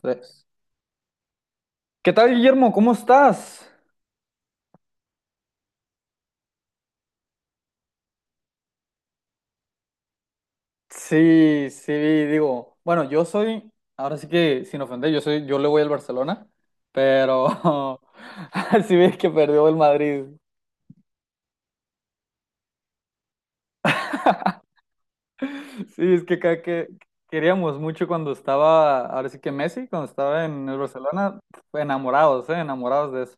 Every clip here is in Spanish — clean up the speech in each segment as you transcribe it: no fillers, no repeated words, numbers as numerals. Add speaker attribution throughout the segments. Speaker 1: Tres. ¿Qué tal, Guillermo? ¿Cómo estás? Sí, sí, digo, bueno, yo soy, ahora sí que sin ofender, yo le voy al Barcelona, pero sí ves que perdió el Madrid. Sí, es que acá que queríamos mucho cuando estaba, ahora sí que Messi, cuando estaba en el Barcelona, enamorados de eso.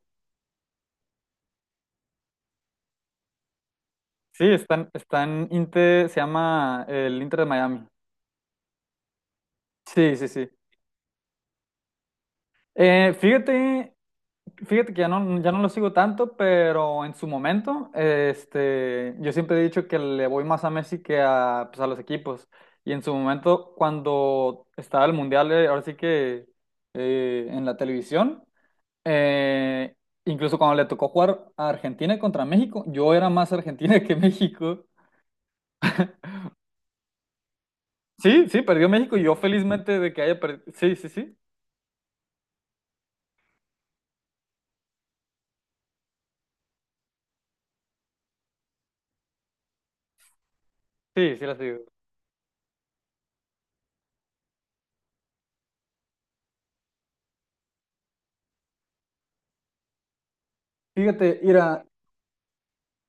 Speaker 1: Sí, están Inter, se llama el Inter de Miami. Sí, sí, sí. Eh, fíjate Fíjate que ya no lo sigo tanto, pero en su momento, este, yo siempre he dicho que le voy más a Messi que a, pues, a los equipos. Y en su momento, cuando estaba el Mundial, ahora sí que en la televisión, eh, incluso cuando le tocó jugar a Argentina contra México, yo era más Argentina que México. Sí, sí, perdió México y yo felizmente de que haya perdido. Sí, sí, sí, sí, sí la sigo. Fíjate, Ira.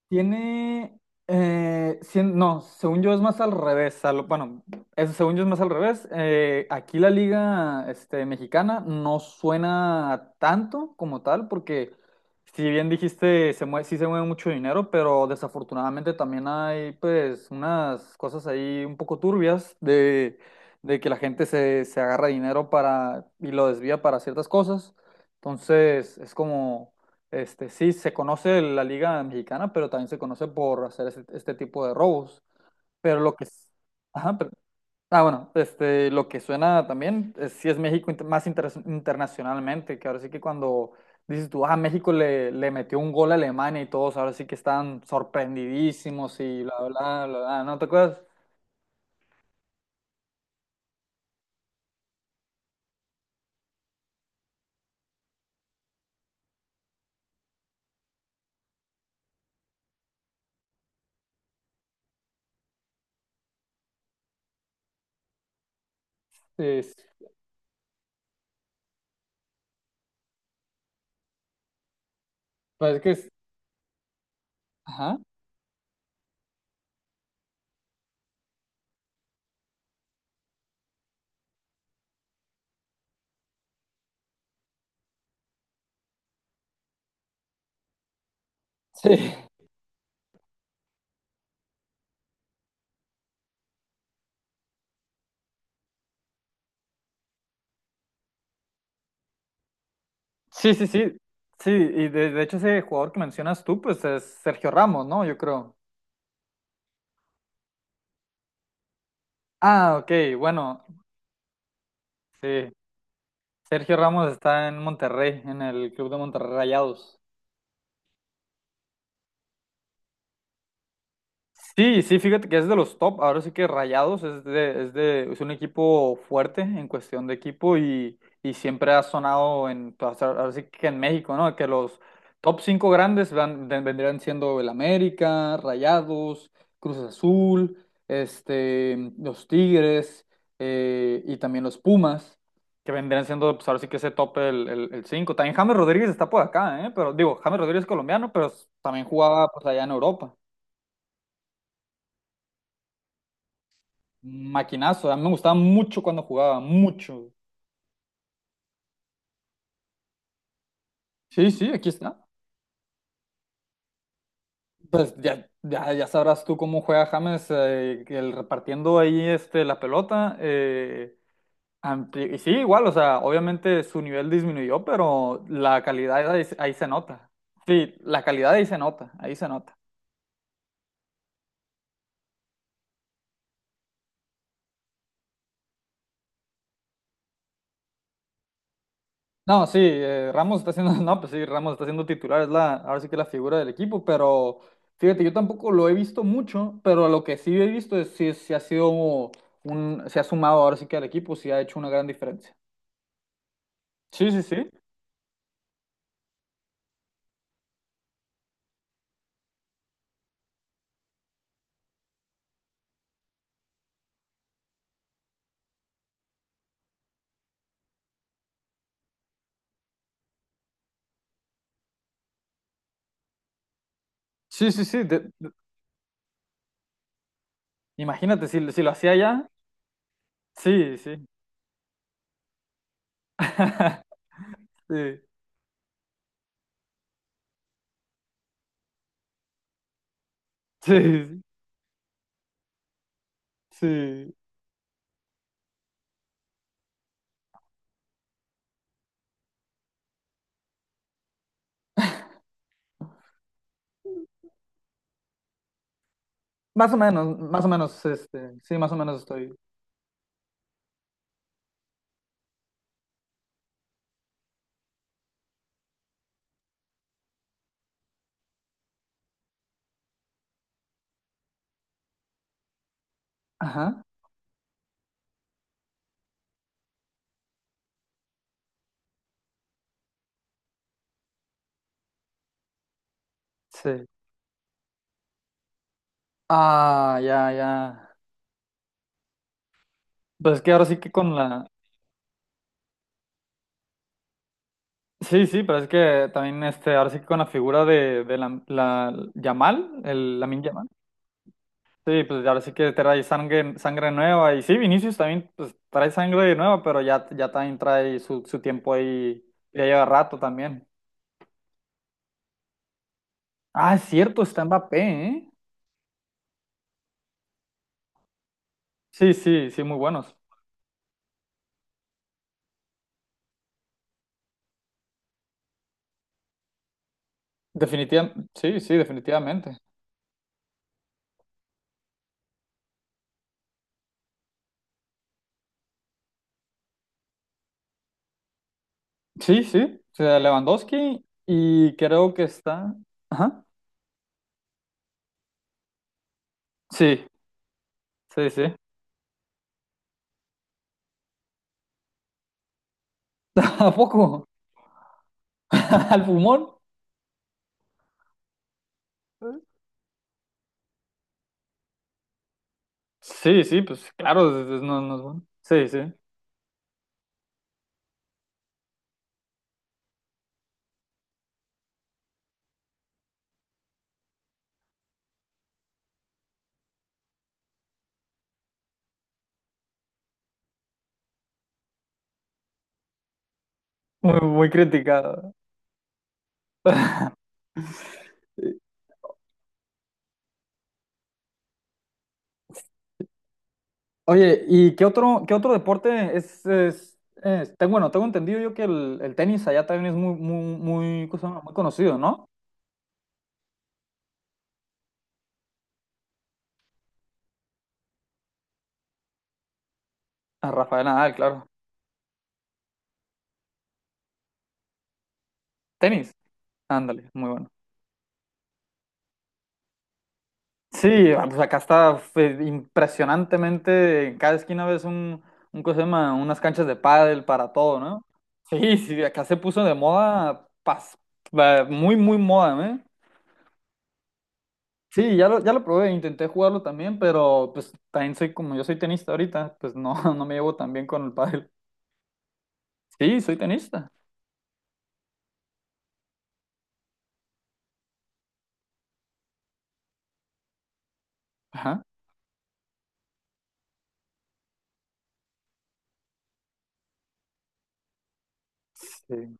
Speaker 1: Tiene, no, según yo es más al revés. Bueno, según yo es más al revés. Aquí la liga mexicana no suena tanto como tal, porque si bien dijiste, sí se mueve mucho dinero, pero desafortunadamente también hay pues unas cosas ahí un poco turbias de, que la gente se agarra dinero para y lo desvía para ciertas cosas. Entonces es como... sí, se conoce la Liga Mexicana, pero también se conoce por hacer este tipo de robos. Pero lo que... Ajá, ah, bueno, lo que suena también, es, sí es México más internacionalmente, que ahora sí que cuando dices tú, ah, México le metió un gol a Alemania y todos, ahora sí que están sorprendidísimos y bla, bla, bla, bla. ¿No te acuerdas? Sí, sí, parece que es... Ajá. Sí. Sí, sí, sí. Sí, y de hecho ese jugador que mencionas tú, pues es Sergio Ramos, ¿no? Yo creo. Ah, ok, bueno, sí. Sergio Ramos está en Monterrey, en el club de Monterrey Rayados. Sí, sí, fíjate que es de los top, ahora sí que Rayados es un equipo fuerte en cuestión de equipo y siempre ha sonado en, pues, ahora sí que en México, ¿no? Que los top cinco grandes vendrían siendo el América, Rayados, Cruz Azul, los Tigres, y también los Pumas, que vendrían siendo, pues ahora sí que ese top el cinco. También James Rodríguez está por acá, ¿eh? Pero digo, James Rodríguez es colombiano, pero también jugaba pues allá en Europa. Maquinazo, a mí me gustaba mucho cuando jugaba, mucho. Sí, sí, aquí está. Pues ya sabrás tú cómo juega James, que el repartiendo ahí la pelota. Y sí, igual, o sea, obviamente su nivel disminuyó, pero la calidad ahí, ahí se nota. Sí, la calidad ahí se nota, ahí se nota. No, sí, Ramos está haciendo no, pues sí, Ramos está siendo titular, es la, ahora sí que la figura del equipo, pero fíjate, yo tampoco lo he visto mucho, pero lo que sí he visto es si ha sido un, se ha sumado ahora sí que al equipo, sí ha hecho una gran diferencia. Sí, sí, sí, sí, sí, sí, imagínate, si lo hacía ya, sí, sí, sí, sí, sí, más o menos, sí, más o menos estoy, ajá, sí, ah, ya, ya, pues es que ahora sí que con la, sí, sí, pero es que también ahora sí que con la figura de la, Yamal, el Lamine Yamal, sí, pues ahora sí que trae sangre, sangre nueva y sí, Vinicius también pues trae sangre nueva, pero ya también trae su tiempo ahí, ya lleva rato también. Ah, es cierto, está Mbappé, ¿eh? Sí, sí, sí, muy buenos. Definitivamente. Sí, sí, o sea, Lewandowski y creo que está, ajá, sí, sí, sí. ¿A poco? ¿Al pulmón? Sí, sí, pues claro, no, no es bueno. Sí, sí, muy, muy criticado. Eh, Oye, ¿y qué otro deporte bueno, tengo entendido yo que el tenis allá también es muy, muy, muy, ¿cómo se llama? Muy conocido, ¿no? A Rafael Nadal, claro. Tenis, ándale, muy bueno. Sí, ah, pues acá está impresionantemente, en cada esquina ves un, ¿cómo se llama? Unas canchas de pádel para todo, ¿no? Sí, sí, acá se puso de moda, va, muy, muy moda, ¿eh? Sí, ya lo probé, intenté jugarlo también, pero pues también soy como yo soy tenista ahorita, pues no, no me llevo tan bien con el pádel. Sí, soy tenista. Ajá. Sí.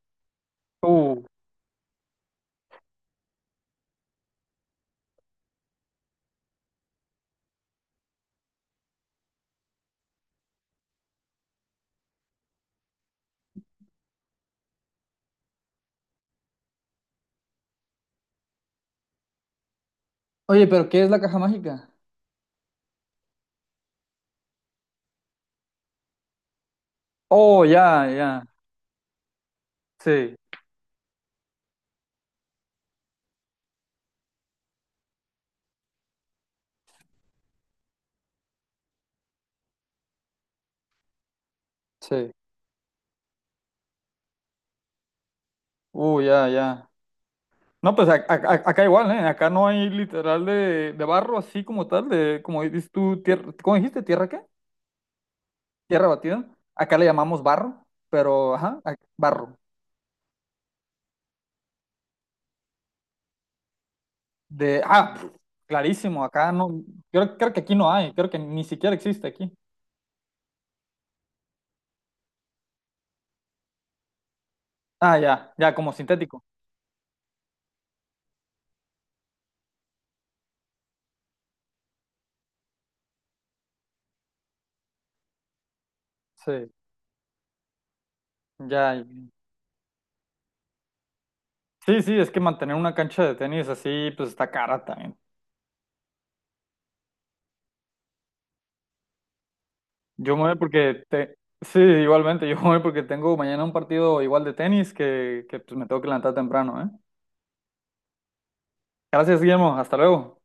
Speaker 1: Uh. Oye, pero ¿qué es la caja mágica? Oh, ya, ya. Sí, sí. Ya, ya. No, pues acá igual, ¿eh? Acá no hay literal de barro así como tal, de, como dices tú, tierra. ¿Cómo dijiste? ¿Tierra qué? ¿Tierra batida? Acá le llamamos barro, pero, ajá, barro. De, clarísimo, acá no, creo que aquí no hay, creo que ni siquiera existe aquí. Ah, ya, ya, como sintético. Sí, ya. Sí, sí, es que mantener una cancha de tenis así, pues está cara también. Yo me voy porque te... Sí, igualmente, yo me voy porque tengo mañana un partido igual de tenis que pues, me tengo que levantar temprano, ¿eh? Gracias, Guillermo, hasta luego.